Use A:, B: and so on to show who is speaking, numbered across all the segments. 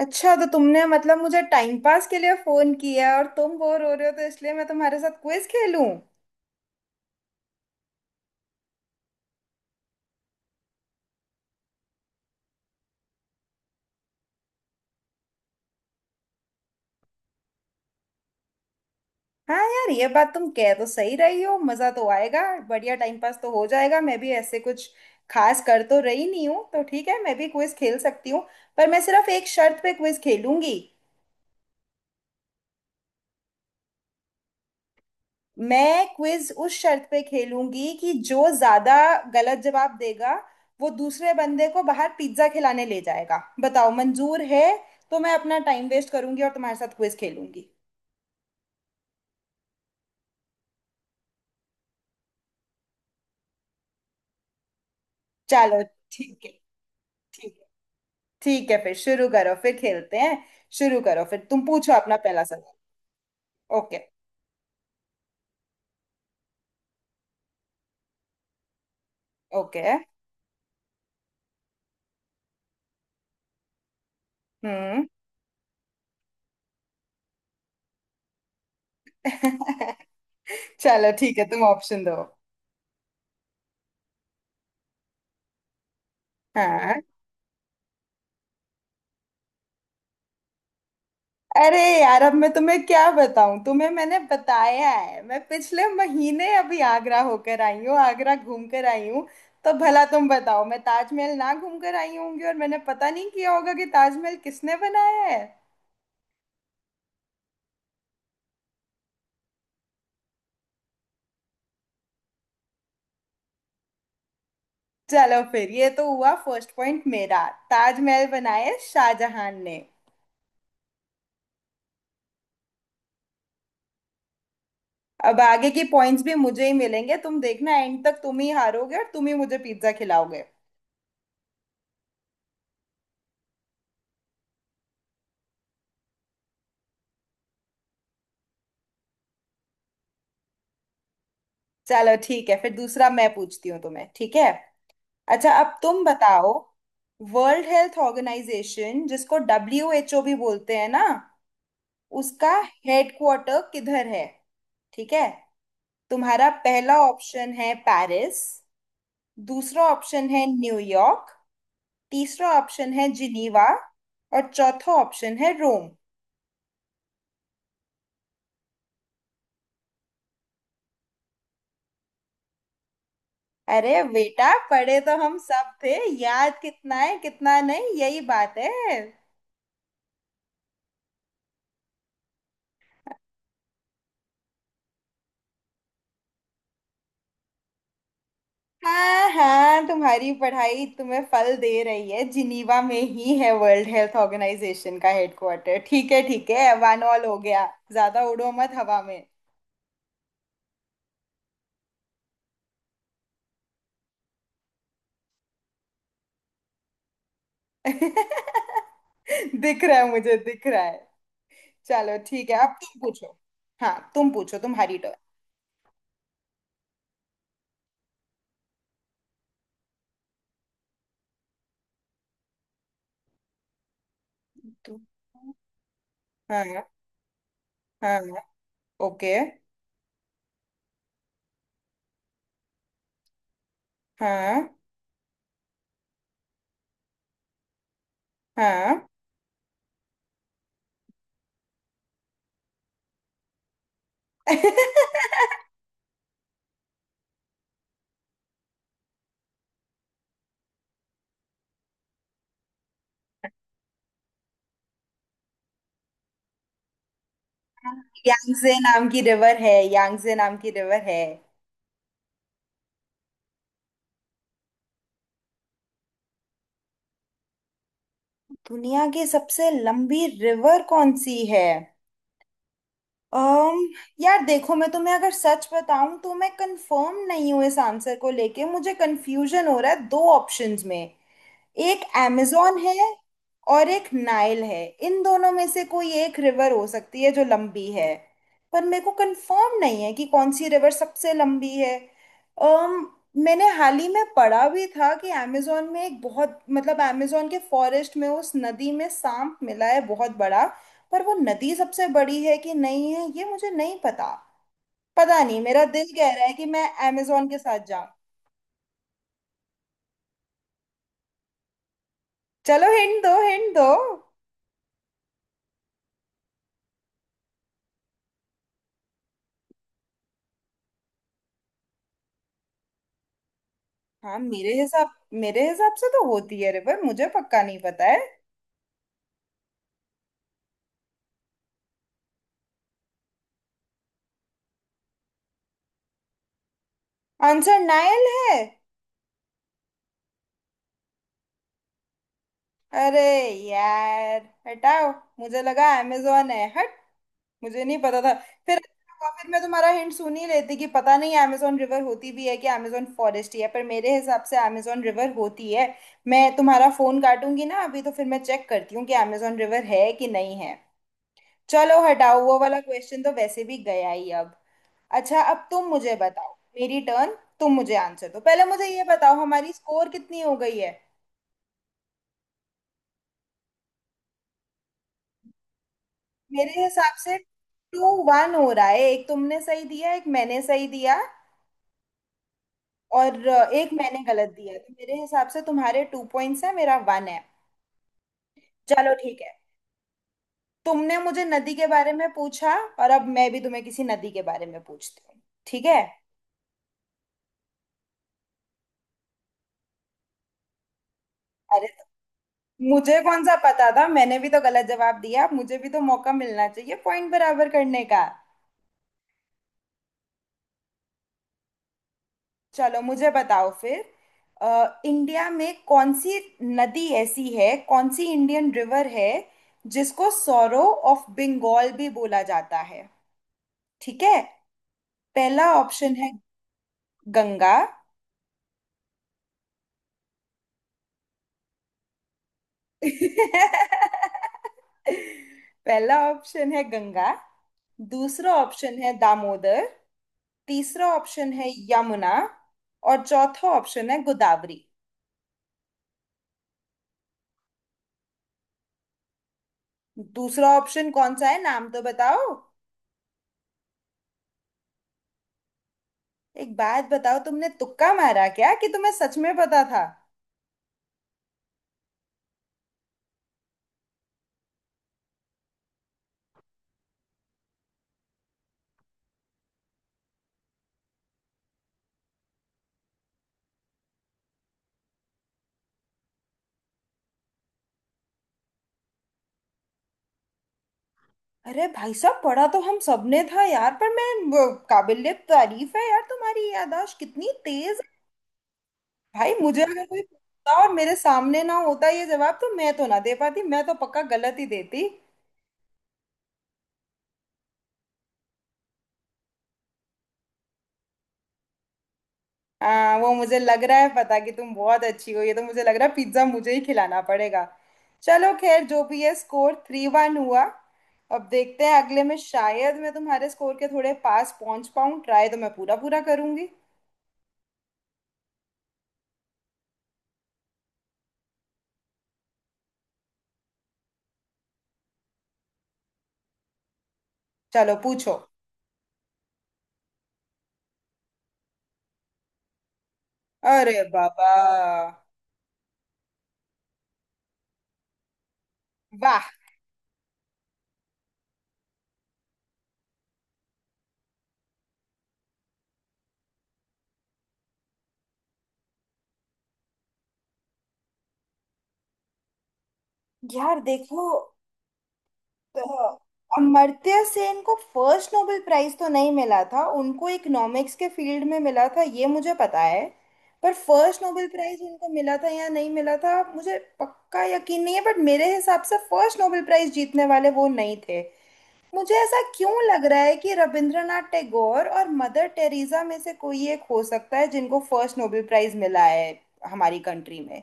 A: अच्छा, तो तुमने मतलब मुझे टाइम पास के लिए फोन किया और तुम बोर हो रहे हो, तो इसलिए मैं तुम्हारे साथ क्विज खेलूं। हाँ यार, ये बात तुम कह तो सही रही हो, मजा तो आएगा। बढ़िया टाइम पास तो हो जाएगा। मैं भी ऐसे कुछ खास कर तो रही नहीं हूँ, तो ठीक है, मैं भी क्विज खेल सकती हूँ। पर मैं सिर्फ एक शर्त पे क्विज खेलूंगी। मैं क्विज उस शर्त पे खेलूंगी कि जो ज्यादा गलत जवाब देगा, वो दूसरे बंदे को बाहर पिज्जा खिलाने ले जाएगा। बताओ मंजूर है? तो मैं अपना टाइम वेस्ट करूंगी और तुम्हारे साथ क्विज खेलूंगी। चलो ठीक है। ठीक है। ठीक है फिर, शुरू करो, फिर खेलते हैं। शुरू करो, फिर तुम पूछो अपना पहला सवाल। ओके। ओके। हम्म। चलो ठीक है, तुम ऑप्शन दो। हाँ। अरे यार, अब मैं तुम्हें क्या बताऊं, तुम्हें मैंने बताया है मैं पिछले महीने अभी आगरा होकर आई हूँ, आगरा घूम कर आई हूँ। तो भला तुम बताओ, मैं ताजमहल ना घूम कर आई होंगी और मैंने पता नहीं किया होगा कि ताजमहल किसने बनाया है। चलो फिर, ये तो हुआ फर्स्ट पॉइंट मेरा। ताजमहल बनाया शाहजहां ने। अब आगे की पॉइंट्स भी मुझे ही मिलेंगे, तुम देखना, एंड तक तुम ही हारोगे और तुम ही मुझे पिज्जा खिलाओगे। चलो ठीक है, फिर दूसरा मैं पूछती हूँ तुम्हें, ठीक है? अच्छा, अब तुम बताओ। वर्ल्ड हेल्थ ऑर्गेनाइजेशन, जिसको डब्ल्यू एच ओ भी बोलते हैं ना, उसका हेडक्वार्टर किधर है? ठीक है। तुम्हारा पहला ऑप्शन है पेरिस, दूसरा ऑप्शन है न्यूयॉर्क, तीसरा ऑप्शन है जिनीवा, और चौथा ऑप्शन है रोम। अरे बेटा, पढ़े तो हम सब थे। याद कितना है कितना नहीं, यही बात है। हाँ हाँ, तुम्हारी पढ़ाई तुम्हें फल दे रही है। जिनीवा में ही है वर्ल्ड हेल्थ ऑर्गेनाइजेशन का हेडक्वार्टर। ठीक है ठीक है, 1-1 हो गया। ज्यादा उड़ो मत हवा में। दिख रहा है, मुझे दिख रहा है। चलो ठीक है, अब तुम पूछो। हाँ, तुम पूछो, तुम्हारी टर्न। तो हाँ। हाँ, ओके। हाँ हाँ। यांगजे नाम की रिवर है, यांगजे नाम की रिवर है। दुनिया की सबसे लंबी रिवर कौन सी है? um, यार देखो, मैं तुम्हें अगर सच बताऊं तो मैं कंफर्म नहीं हूं इस आंसर को लेके, मुझे कंफ्यूजन हो रहा है दो ऑप्शंस में। एक amazon है और एक नाइल है। इन दोनों में से कोई एक रिवर हो सकती है जो लंबी है। पर मेरे को कंफर्म नहीं है कि कौन सी रिवर सबसे लंबी है। um, मैंने हाल ही में पढ़ा भी था कि amazon में एक बहुत, मतलब amazon के फॉरेस्ट में उस नदी में सांप मिला है बहुत बड़ा। पर वो नदी सबसे बड़ी है कि नहीं है ये मुझे नहीं पता। पता नहीं, मेरा दिल कह रहा है कि मैं amazon के साथ जाऊं। चलो हिंट दो, हिंट दो। हाँ, मेरे हिसाब से तो होती है रिवर, मुझे पक्का नहीं पता है। आंसर नायल है? अरे यार हटाओ, मुझे लगा अमेजोन है, हट। मुझे नहीं पता था। फिर फिर मैं तुम्हारा हिंट सुन ही लेती कि पता नहीं अमेजोन रिवर होती भी है कि अमेजोन फॉरेस्ट ही है, पर मेरे हिसाब से अमेजोन रिवर होती है। मैं तुम्हारा फोन काटूंगी ना अभी, तो फिर मैं चेक करती हूँ कि अमेजोन रिवर है कि नहीं है। चलो हटाओ, वो वाला क्वेश्चन तो वैसे भी गया ही अब। अच्छा, अब तुम मुझे बताओ। मेरी टर्न। तुम मुझे आंसर दो पहले, मुझे ये बताओ हमारी स्कोर कितनी हो गई है। मेरे हिसाब से 2-1 हो रहा है। एक तुमने सही दिया, एक मैंने सही दिया, और एक मैंने गलत दिया, तो मेरे हिसाब से तुम्हारे टू पॉइंट्स है, मेरा वन है। चलो ठीक है। तुमने मुझे नदी के बारे में पूछा और अब मैं भी तुम्हें किसी नदी के बारे में पूछती हूँ, ठीक है? अरे तो मुझे कौन सा पता था, मैंने भी तो गलत जवाब दिया, मुझे भी तो मौका मिलना चाहिए पॉइंट बराबर करने का। चलो मुझे बताओ फिर। इंडिया में कौन सी नदी ऐसी है, कौन सी इंडियन रिवर है जिसको सौरो ऑफ बंगाल भी बोला जाता है? ठीक है, पहला ऑप्शन है गंगा। पहला ऑप्शन है गंगा, दूसरा ऑप्शन है दामोदर, तीसरा ऑप्शन है यमुना, और चौथा ऑप्शन है गोदावरी। दूसरा ऑप्शन कौन सा है, नाम तो बताओ। एक बात बताओ, तुमने तुक्का मारा क्या कि तुम्हें सच में पता था? अरे भाई साहब, पढ़ा तो हम सबने था यार, पर मैं काबिलियत तारीफ है यार, तुम्हारी याददाश्त कितनी तेज है। भाई मुझे अगर कोई पूछता और मेरे सामने ना होता ये जवाब, तो मैं तो ना दे पाती, मैं तो पक्का गलत ही देती। वो मुझे लग रहा है पता, कि तुम बहुत अच्छी हो, ये तो मुझे लग रहा है पिज्जा मुझे ही खिलाना पड़ेगा। चलो खैर, जो भी है, स्कोर 3-1 हुआ। अब देखते हैं अगले में शायद मैं तुम्हारे स्कोर के थोड़े पास पहुंच पाऊं, ट्राई तो मैं पूरा पूरा करूंगी। चलो पूछो। अरे बाबा। वाह। यार देखो, तो अमर्त्य सेन को फर्स्ट नोबेल प्राइज तो नहीं मिला था, उनको इकोनॉमिक्स के फील्ड में मिला था, ये मुझे पता है। पर फर्स्ट नोबेल प्राइज उनको मिला था या नहीं मिला था, मुझे पक्का यकीन नहीं है, बट मेरे हिसाब से फर्स्ट नोबेल प्राइज जीतने वाले वो नहीं थे। मुझे ऐसा क्यों लग रहा है कि रविंद्रनाथ टैगोर और मदर टेरेसा में से कोई एक हो सकता है जिनको फर्स्ट नोबेल प्राइज मिला है हमारी कंट्री में।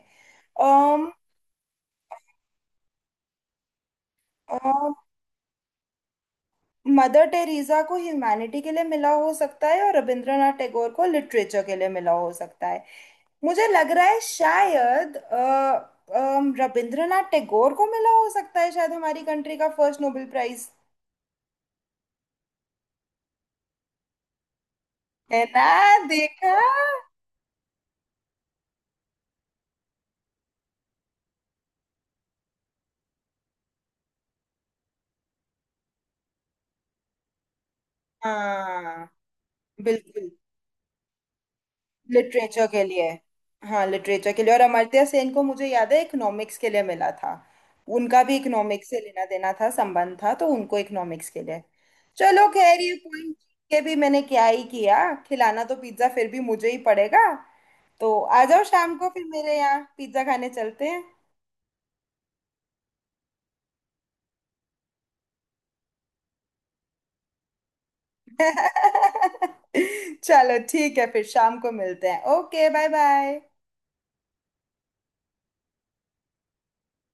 A: um, um, मदर टेरेसा को ह्यूमैनिटी के लिए मिला हो सकता है और रविंद्रनाथ टैगोर को लिटरेचर के लिए मिला हो सकता है। मुझे लग रहा है शायद रविंद्रनाथ टैगोर को मिला हो सकता है, शायद हमारी कंट्री का फर्स्ट नोबेल प्राइज। है ना? देखा। हाँ, बिल्कुल। लिटरेचर के लिए। हाँ, लिटरेचर के लिए। और अमर्त्य सेन को मुझे याद है इकोनॉमिक्स के लिए मिला था। उनका भी इकोनॉमिक्स से लेना देना था, संबंध था, तो उनको इकोनॉमिक्स के लिए। चलो खैर, ये पॉइंट के भी मैंने क्या ही किया, खिलाना तो पिज्जा फिर भी मुझे ही पड़ेगा। तो आ जाओ शाम को फिर, मेरे यहाँ पिज्जा खाने चलते हैं। चलो ठीक है, फिर शाम को मिलते हैं। Okay bye bye.